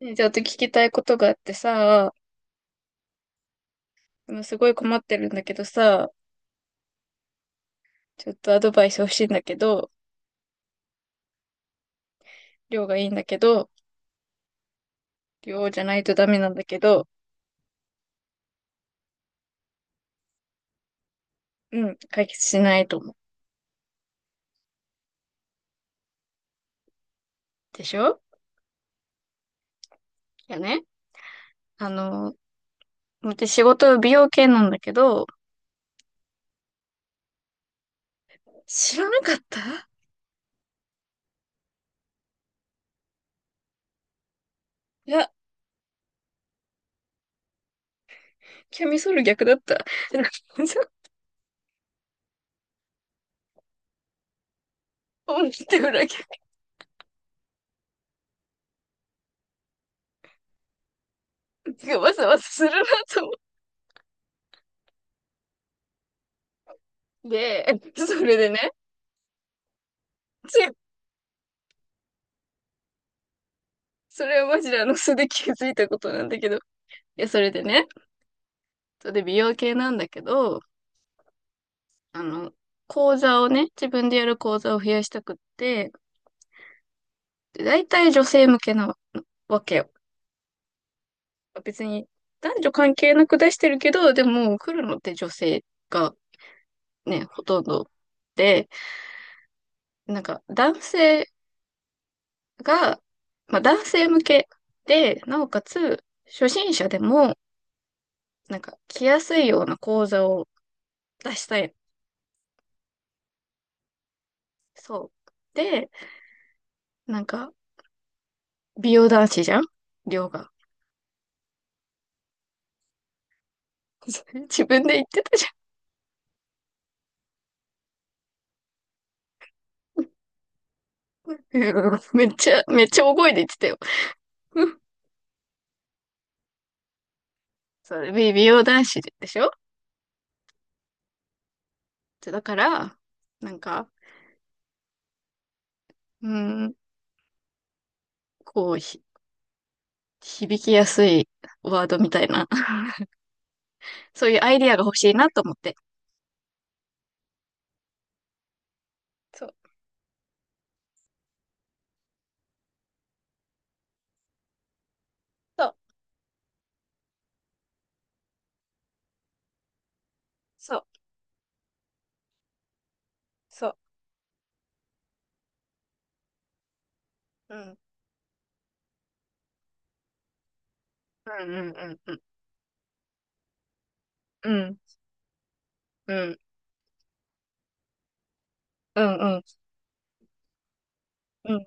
ねちょっと聞きたいことがあってさ、すごい困ってるんだけどさ、ちょっとアドバイス欲しいんだけど、量がいいんだけど、量じゃないとダメなんだけど、うん、解決しないと思う。でしょ。いやね、あの、私仕事美容系なんだけど、知らなかった。いや、キャミソール逆だった。ん、って裏逆がわざわざするなと思って、でそれでね、つい、それはマジで素で気づいたことなんだけど、いや、それでね、それで美容系なんだけど、あの、講座をね、自分でやる講座を増やしたくって、で、大体女性向けなわけよ。別に男女関係なく出してるけど、でも来るのって女性がね、ほとんどで、なんか男性が、まあ男性向けで、なおかつ初心者でも、なんか来やすいような講座を出したい。そう。で、なんか美容男子じゃん量が。それ自分で言ってたじゃん。うんめっちゃ、めっちゃ大声で言ってたよ。うん、それ、美容男子でしょ。だから、なんか、うん、こう、響きやすいワードみたいな、そういうアイディアが欲しいなと思って。そう、そう、そう、そう。うん、うん、うん、うん、うん、うん、うん、うん、うん、うん。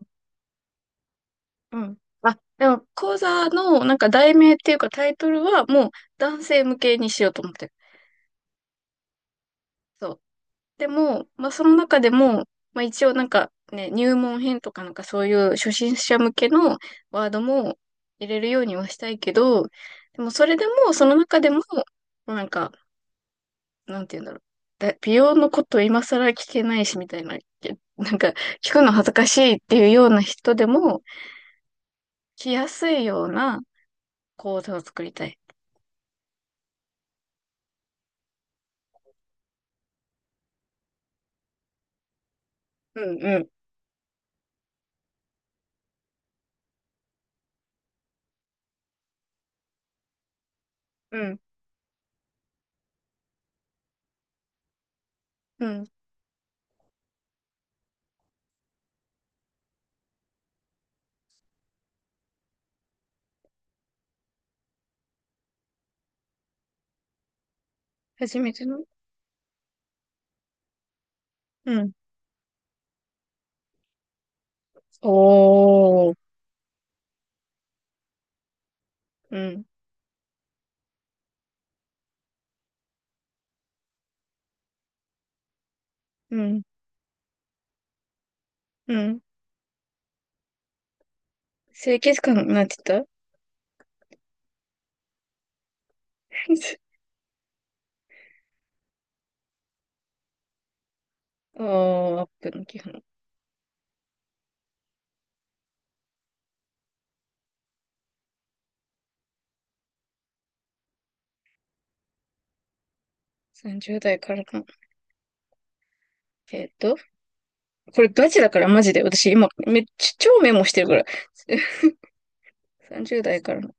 うん、あ、でも、講座の、なんか、題名っていうか、タイトルは、もう、男性向けにしようと思ってる。そう。でも、まあ、その中でも、まあ、一応なんかね、入門編とかなんかそういう初心者向けのワードも入れるようにはしたいけど、でもそれでも、その中でも、なんか、なんて言うんだろう。美容のこと今更聞けないしみたいな、なんか聞くの恥ずかしいっていうような人でも、来やすいような講座を作りたい。うん、うん、うん。うん。初めての。うん。おー。うん。うん。うん。清潔感、なんて言った。 あー、アップの基本。30代からの。えっと、これガチだからマジで。私今、めっちゃ超メモしてるから。30代からの。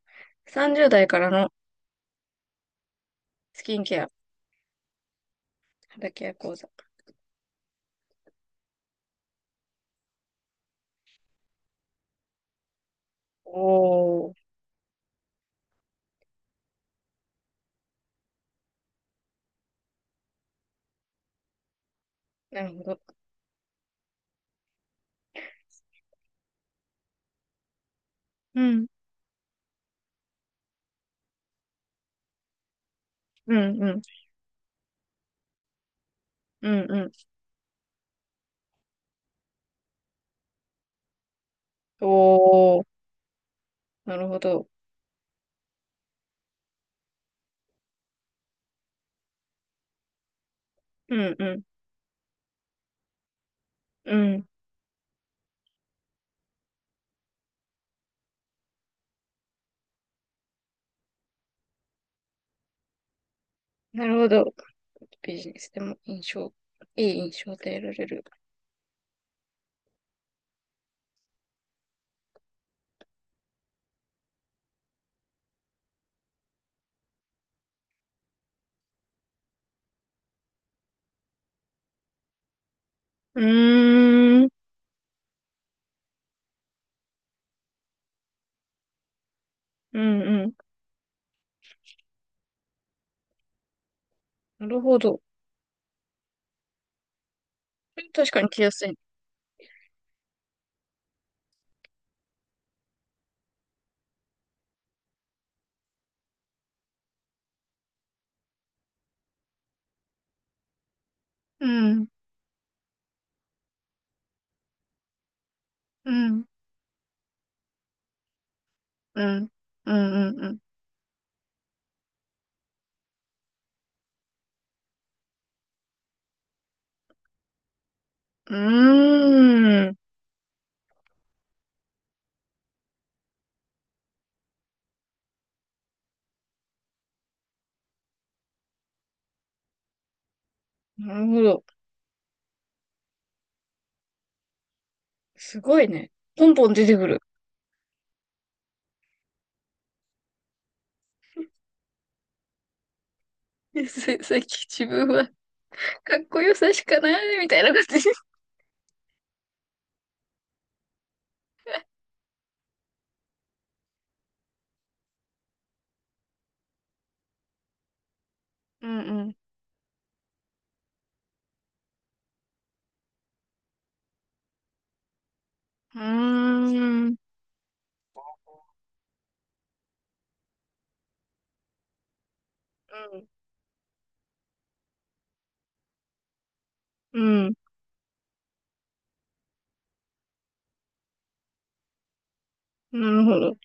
30代からのスキンケア、肌ケア講座。おー、なるほど。うん、うん、うん、うん、うん。おー、なるほど。うん、うん、うん。なるほど。ビジネスでも印象、いい印象で得られる。うーん、うん、うん。なるほど。確かに着やすいね。うん、うん、うん、うん、うん、うん。うーん。なるほど。すごいね。ポンポン出てくる。さっき自分はかっこよさしかないみたいな感じ。うん、うん。うーん。うん、うん。なるほど。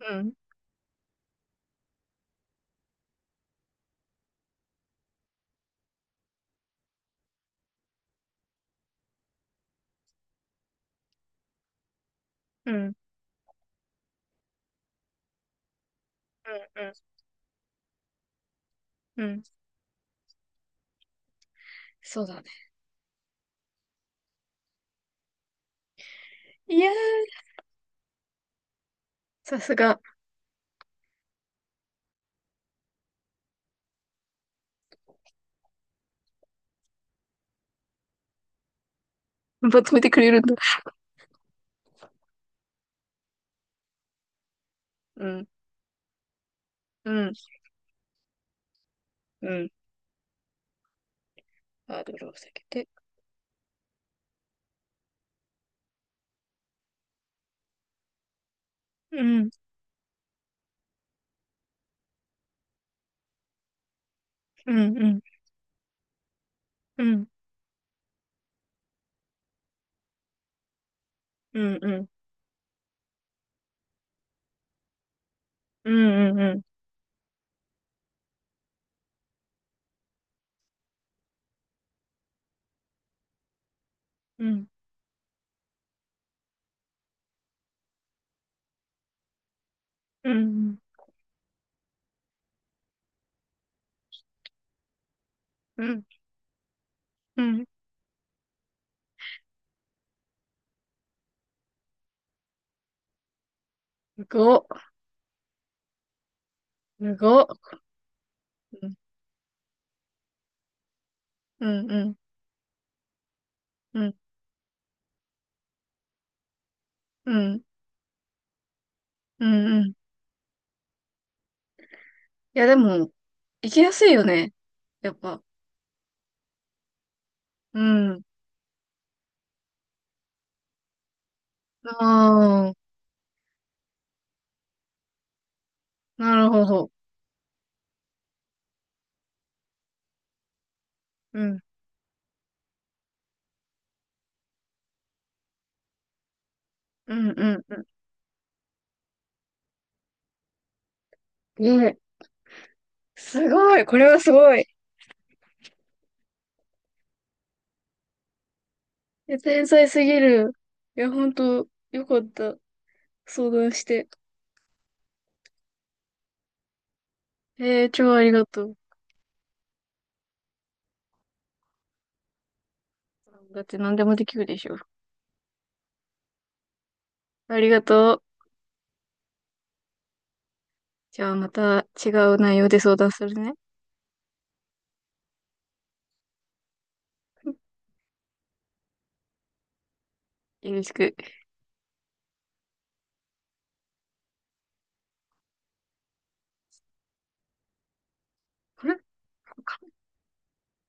うん、うん、うん、うん。うん、そうだね。いやー、さすが。まとめてくれるんだ。うん、うん、うん。ハードルを下げて。うん、うん、うん、うん、うん、うん、うん、うん、うん、うん。うん、うん、うん、すごっ、すごっ。うん、うん、うん、うん、うん、うん、うん。いや、でも、行きやすいよね。やっぱ。うん。ああ、なるほど。うん、うん、うん、うん。ね、すごい、これはすごい。いや天才すぎる。いや、ほんと、よかった。相談して。えー、超ありがとう。だって何でもできるでしょ。ありがとう。じゃあまた違う内容で相談するね。よろしく。これ